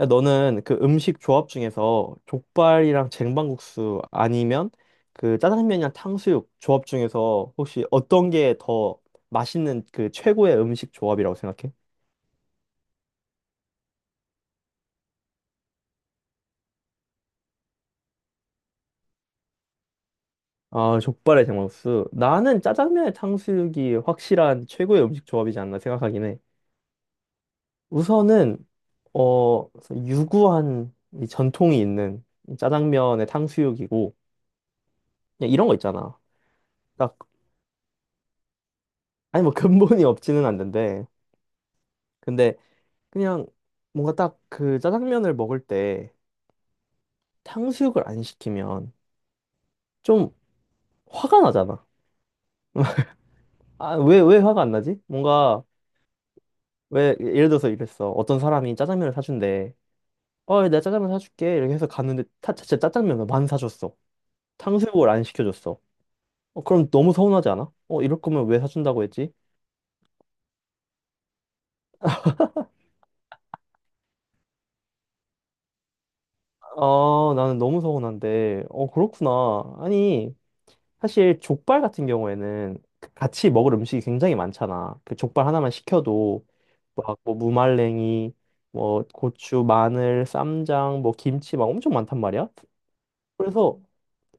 야, 너는 그 음식 조합 중에서 족발이랑 쟁반국수 아니면 그 짜장면이랑 탕수육 조합 중에서 혹시 어떤 게 더 맛있는 그 최고의 음식 조합이라고 생각해? 아, 족발에 쟁반국수. 나는 짜장면에 탕수육이 확실한 최고의 음식 조합이지 않나 생각하긴 해. 우선은 어 유구한 이 전통이 있는 이 짜장면에 탕수육이고, 그냥 이런 거 있잖아. 딱 아니 뭐 근본이 없지는 않는데, 근데 그냥 뭔가 딱 그 짜장면을 먹을 때 탕수육을 안 시키면 좀 화가 나잖아. 아, 왜, 왜 화가 안 나지? 뭔가, 왜, 예를 들어서 이랬어. 어떤 사람이 짜장면을 사준대. 어, 내가 짜장면 사줄게. 이렇게 해서 갔는데, 타, 진짜 짜장면을 만 사줬어. 탕수육을 안 시켜줬어. 어, 그럼 너무 서운하지 않아? 어, 이럴 거면 왜 사준다고 했지? 아, 나는 너무 서운한데. 어, 그렇구나. 아니, 사실 족발 같은 경우에는 그 같이 먹을 음식이 굉장히 많잖아. 그 족발 하나만 시켜도 막 뭐 무말랭이, 뭐 고추, 마늘, 쌈장, 뭐 김치 막 엄청 많단 말이야. 그래서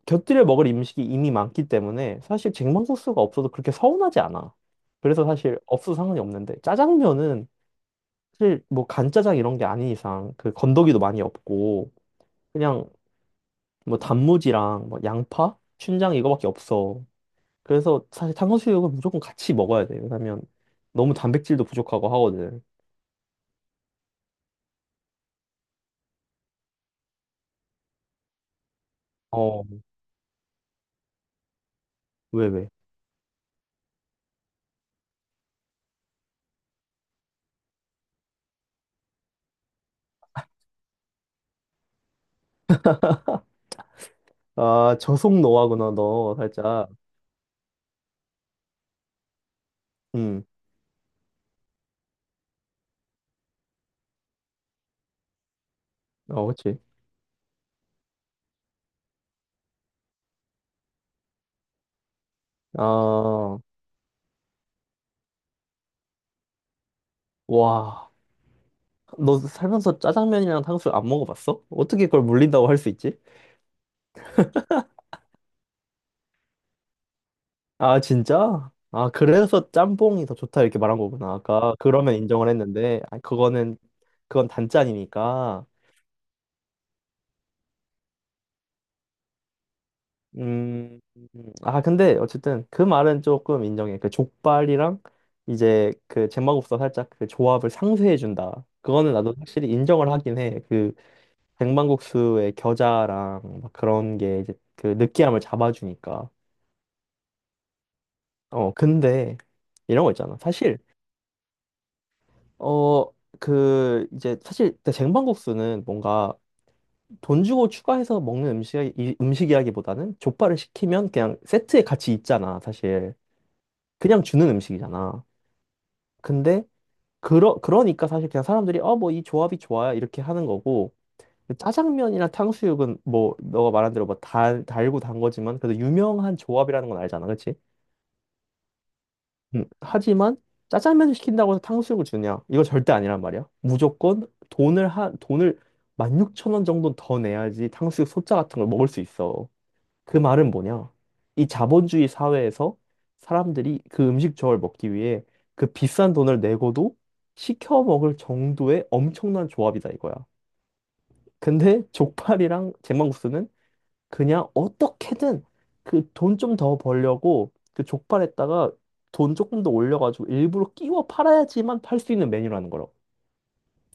곁들여 먹을 음식이 이미 많기 때문에 사실 쟁반국수가 없어도 그렇게 서운하지 않아. 그래서 사실 없어도 상관이 없는데, 짜장면은 사실 뭐 간짜장 이런 게 아닌 이상 그 건더기도 많이 없고 그냥 뭐 단무지랑 뭐 양파, 춘장 이거밖에 없어. 그래서 사실 탕수육은 무조건 같이 먹어야 돼. 왜냐면 너무 단백질도 부족하고 하거든. 어, 왜, 왜? 아, 저속 노화구나, 너, 살짝. 음, 어, 그치. 아, 와. 너 살면서 짜장면이랑 탕수육 안 먹어봤어? 어떻게 그걸 물린다고 할 수 있지? 아, 진짜? 아, 그래서 짬뽕이 더 좋다, 이렇게 말한 거구나. 아까 그러면 인정을 했는데, 아, 그거는, 그건 단짠이니까. 음, 아, 근데 어쨌든 그 말은 조금 인정해. 그 족발이랑 이제 그제반국수 살짝 그 조합을 상쇄해 준다. 그거는 나도 확실히 인정을 하긴 해. 그 백만국수의 겨자랑 막 그런 게 이제 그 느끼함을 잡아주니까. 어, 근데 이런 거 있잖아. 사실 어, 그 이제 사실 쟁반국수는 뭔가 돈 주고 추가해서 먹는 음식이라기보다는 족발을 시키면 그냥 세트에 같이 있잖아, 사실. 그냥 주는 음식이잖아. 근데 그러니까 사실 그냥 사람들이 어 뭐 이 조합이 좋아요 이렇게 하는 거고, 짜장면이나 탕수육은 뭐 너가 말한 대로 뭐 달고 단 거지만 그래도 유명한 조합이라는 건 알잖아, 그치? 하지만 짜장면을 시킨다고 해서 탕수육을 주냐? 이거 절대 아니란 말이야. 무조건 돈을 한 돈을 16,000원 정도 더 내야지 탕수육 소짜 같은 걸 먹을 수 있어. 그 말은 뭐냐? 이 자본주의 사회에서 사람들이 그 음식 저을 먹기 위해 그 비싼 돈을 내고도 시켜 먹을 정도의 엄청난 조합이다 이거야. 근데 족발이랑 제망국수는 그냥 어떻게든 그 돈 좀 더 벌려고 그 족발에다가 돈 조금 더 올려가지고 일부러 끼워 팔아야지만 팔 수 있는 메뉴라는 거라고.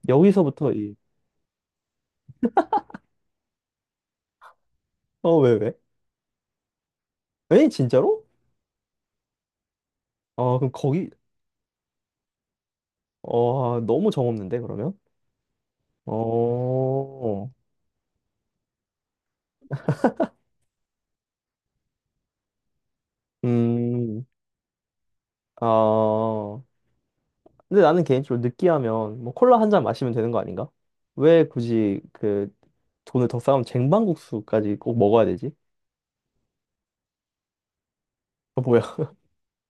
여기서부터 이, 어, 왜, 왜? 에? 진짜로? 어, 그럼 거기, 어, 너무 정없는데, 그러면? 어, 음, 아. 근데 나는 개인적으로 느끼하면 뭐 콜라 한 잔 마시면 되는 거 아닌가? 왜 굳이 그 돈을 더 싸면 쟁반국수까지 꼭 먹어야 되지? 어, 뭐야?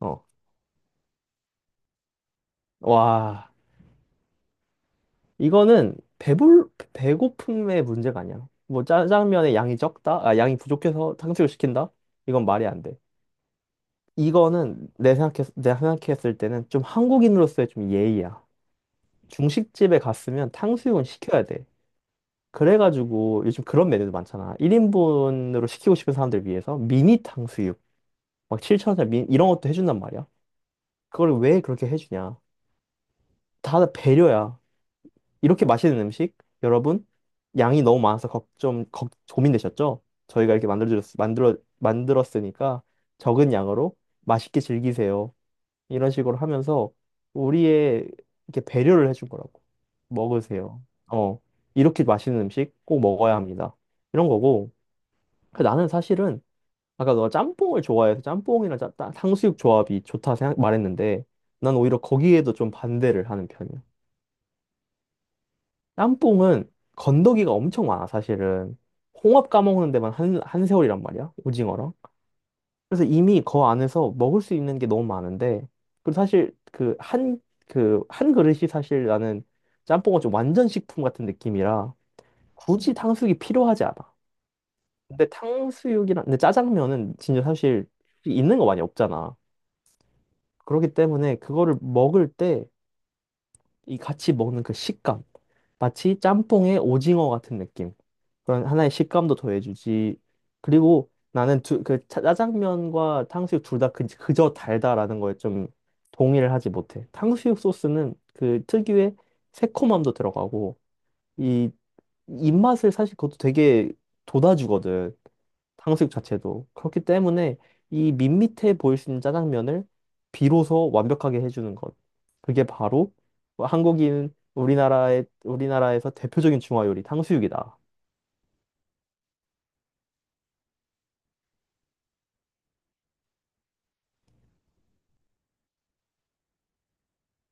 어. 어. 와, 이거는 배불 배고픔의 문제가 아니야. 뭐 짜장면의 양이 적다, 아 양이 부족해서 탕수육 시킨다? 이건 말이 안 돼. 이거는 내 생각했 내가 생각했을 때는 좀 한국인으로서의 좀 예의야. 중식집에 갔으면 탕수육은 시켜야 돼. 그래가지고 요즘 그런 메뉴도 많잖아. 1인분으로 시키고 싶은 사람들 위해서 미니 탕수육, 막 7,000원 미 이런 것도 해준단 말이야. 그걸 왜 그렇게 해주냐? 다 배려야. 이렇게 맛있는 음식, 여러분, 양이 너무 많아서 고민되셨죠? 저희가 이렇게 만들었으니까 적은 양으로 맛있게 즐기세요. 이런 식으로 하면서 우리의 이렇게 배려를 해준 거라고. 먹으세요. 어. 이렇게 맛있는 음식 꼭 먹어야 합니다. 이런 거고. 그 나는 사실은 아까 너가 짬뽕을 좋아해서 짬뽕이랑 탕수육 조합이 좋다 생각 말했는데, 난 오히려 거기에도 좀 반대를 하는 편이야. 짬뽕은 건더기가 엄청 많아 사실은. 홍합 까먹는 데만 한, 한 세월이란 말이야. 오징어랑. 그래서 이미 그 안에서 먹을 수 있는 게 너무 많은데, 그리고 사실 그 한 그릇이 사실 나는 짬뽕은 좀 완전 식품 같은 느낌이라 굳이 탕수육이 필요하지 않아. 근데 탕수육이랑 근데 짜장면은 진짜 사실 있는 거 많이 없잖아. 그렇기 때문에 그거를 먹을 때 이 같이 먹는 그 식감, 마치 짬뽕에 오징어 같은 느낌. 그런 하나의 식감도 더해주지. 그리고 나는 짜장면과 탕수육 둘 다 그저 달다라는 거에 좀 동의를 하지 못해. 탕수육 소스는 그 특유의 새콤함도 들어가고 이 입맛을 사실 그것도 되게 돋아주거든. 탕수육 자체도. 그렇기 때문에 이 밋밋해 보일 수 있는 짜장면을 비로소 완벽하게 해주는 것. 그게 바로 한국인 우리나라의 우리나라에서 대표적인 중화 요리 탕수육이다.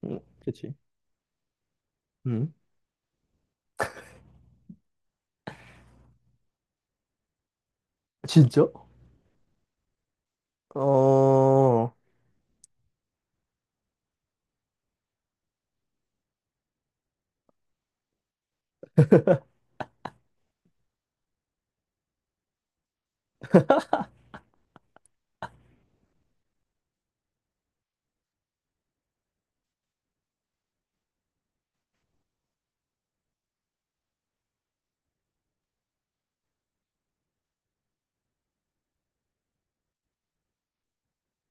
음, 그치? 음. 진짜? 어,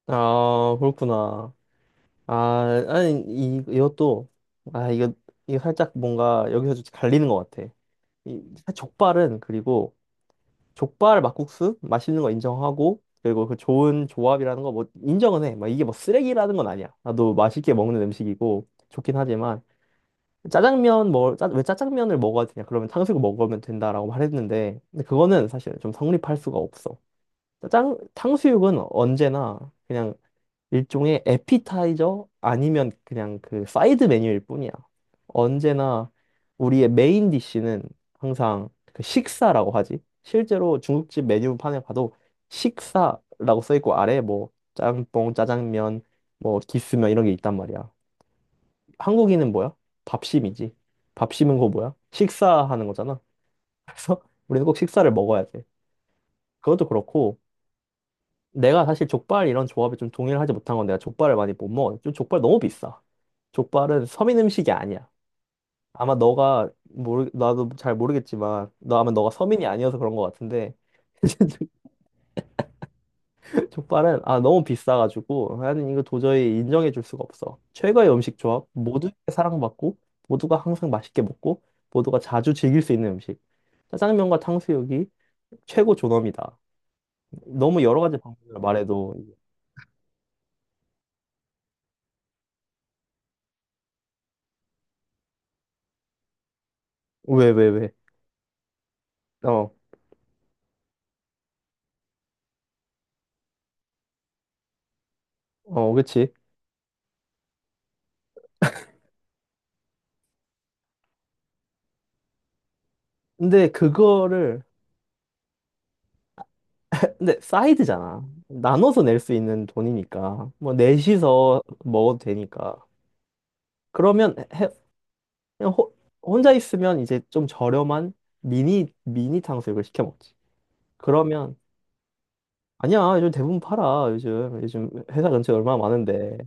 아, 그렇구나. 아, 아니, 이것도, 아, 이거 살짝 뭔가 여기서 좀 갈리는 것 같아. 족발은 그리고 족발 막국수 맛있는 거 인정하고 그리고 그 좋은 조합이라는 거 뭐 인정은 해. 막 이게 뭐 쓰레기라는 건 아니야. 나도 맛있게 먹는 음식이고 좋긴 하지만, 왜 짜장면을 먹어야 되냐? 그러면 탕수육 먹으면 된다라고 말했는데, 근데 그거는 사실 좀 성립할 수가 없어. 짜장 탕수육은 언제나 그냥 일종의 에피타이저 아니면 그냥 그 사이드 메뉴일 뿐이야. 언제나 우리의 메인 디쉬는 항상 그 식사라고 하지. 실제로 중국집 메뉴판에 봐도 식사라고 써 있고, 아래에 뭐 짬뽕, 짜장면, 뭐 기스면 이런 게 있단 말이야. 한국인은 뭐야? 밥심이지. 밥심은 그거 뭐야? 식사하는 거잖아. 그래서 우리는 꼭 식사를 먹어야 돼. 그것도 그렇고, 내가 사실 족발 이런 조합에 좀 동의를 하지 못한 건 내가 족발을 많이 못 먹어. 좀 족발 너무 비싸. 족발은 서민 음식이 아니야. 아마 너가 모르 나도 잘 모르겠지만 너 아마 너가 서민이 아니어서 그런 것 같은데 족발은 아 너무 비싸가지고 나는 이거 도저히 인정해 줄 수가 없어. 최고의 음식 조합, 모두에게 사랑받고 모두가 항상 맛있게 먹고 모두가 자주 즐길 수 있는 음식. 짜장면과 탕수육이 최고 존엄이다. 너무 여러 가지 방법을 말해도. 왜, 어, 어, 그렇 근데 그거를 근데 사이드잖아. 나눠서 낼 수 있는 돈이니까 뭐 넷이서 먹어도 되니까. 그러면 해, 그냥 호- 혼자 있으면 이제 좀 저렴한 미니 탕수육을 시켜 먹지. 그러면 아니야 요즘 대부분 팔아. 요즘 회사 근처에 얼마나 많은데.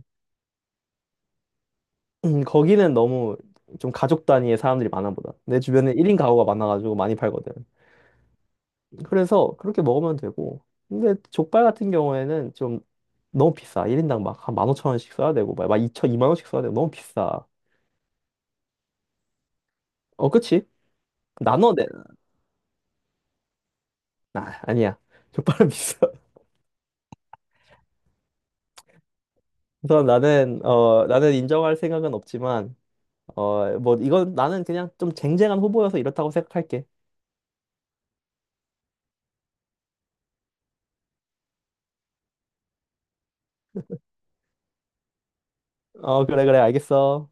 거기는 너무 좀 가족 단위의 사람들이 많아 보다. 내 주변에 1인 가구가 많아가지고 많이 팔거든. 그래서 그렇게 먹으면 되고. 근데 족발 같은 경우에는 좀 너무 비싸. 1인당 막 한 15,000원씩 써야 되고, 막 2천, 2만 원씩 써야 되고, 너무 비싸. 어, 그치? 나눠 내. 아, 아니야. 족발은 비싸. 우선 나는, 어, 나는 인정할 생각은 없지만, 어, 뭐, 이건 나는 그냥 좀 쟁쟁한 후보여서 이렇다고 생각할게. 어, 그래, 그래, 알겠어.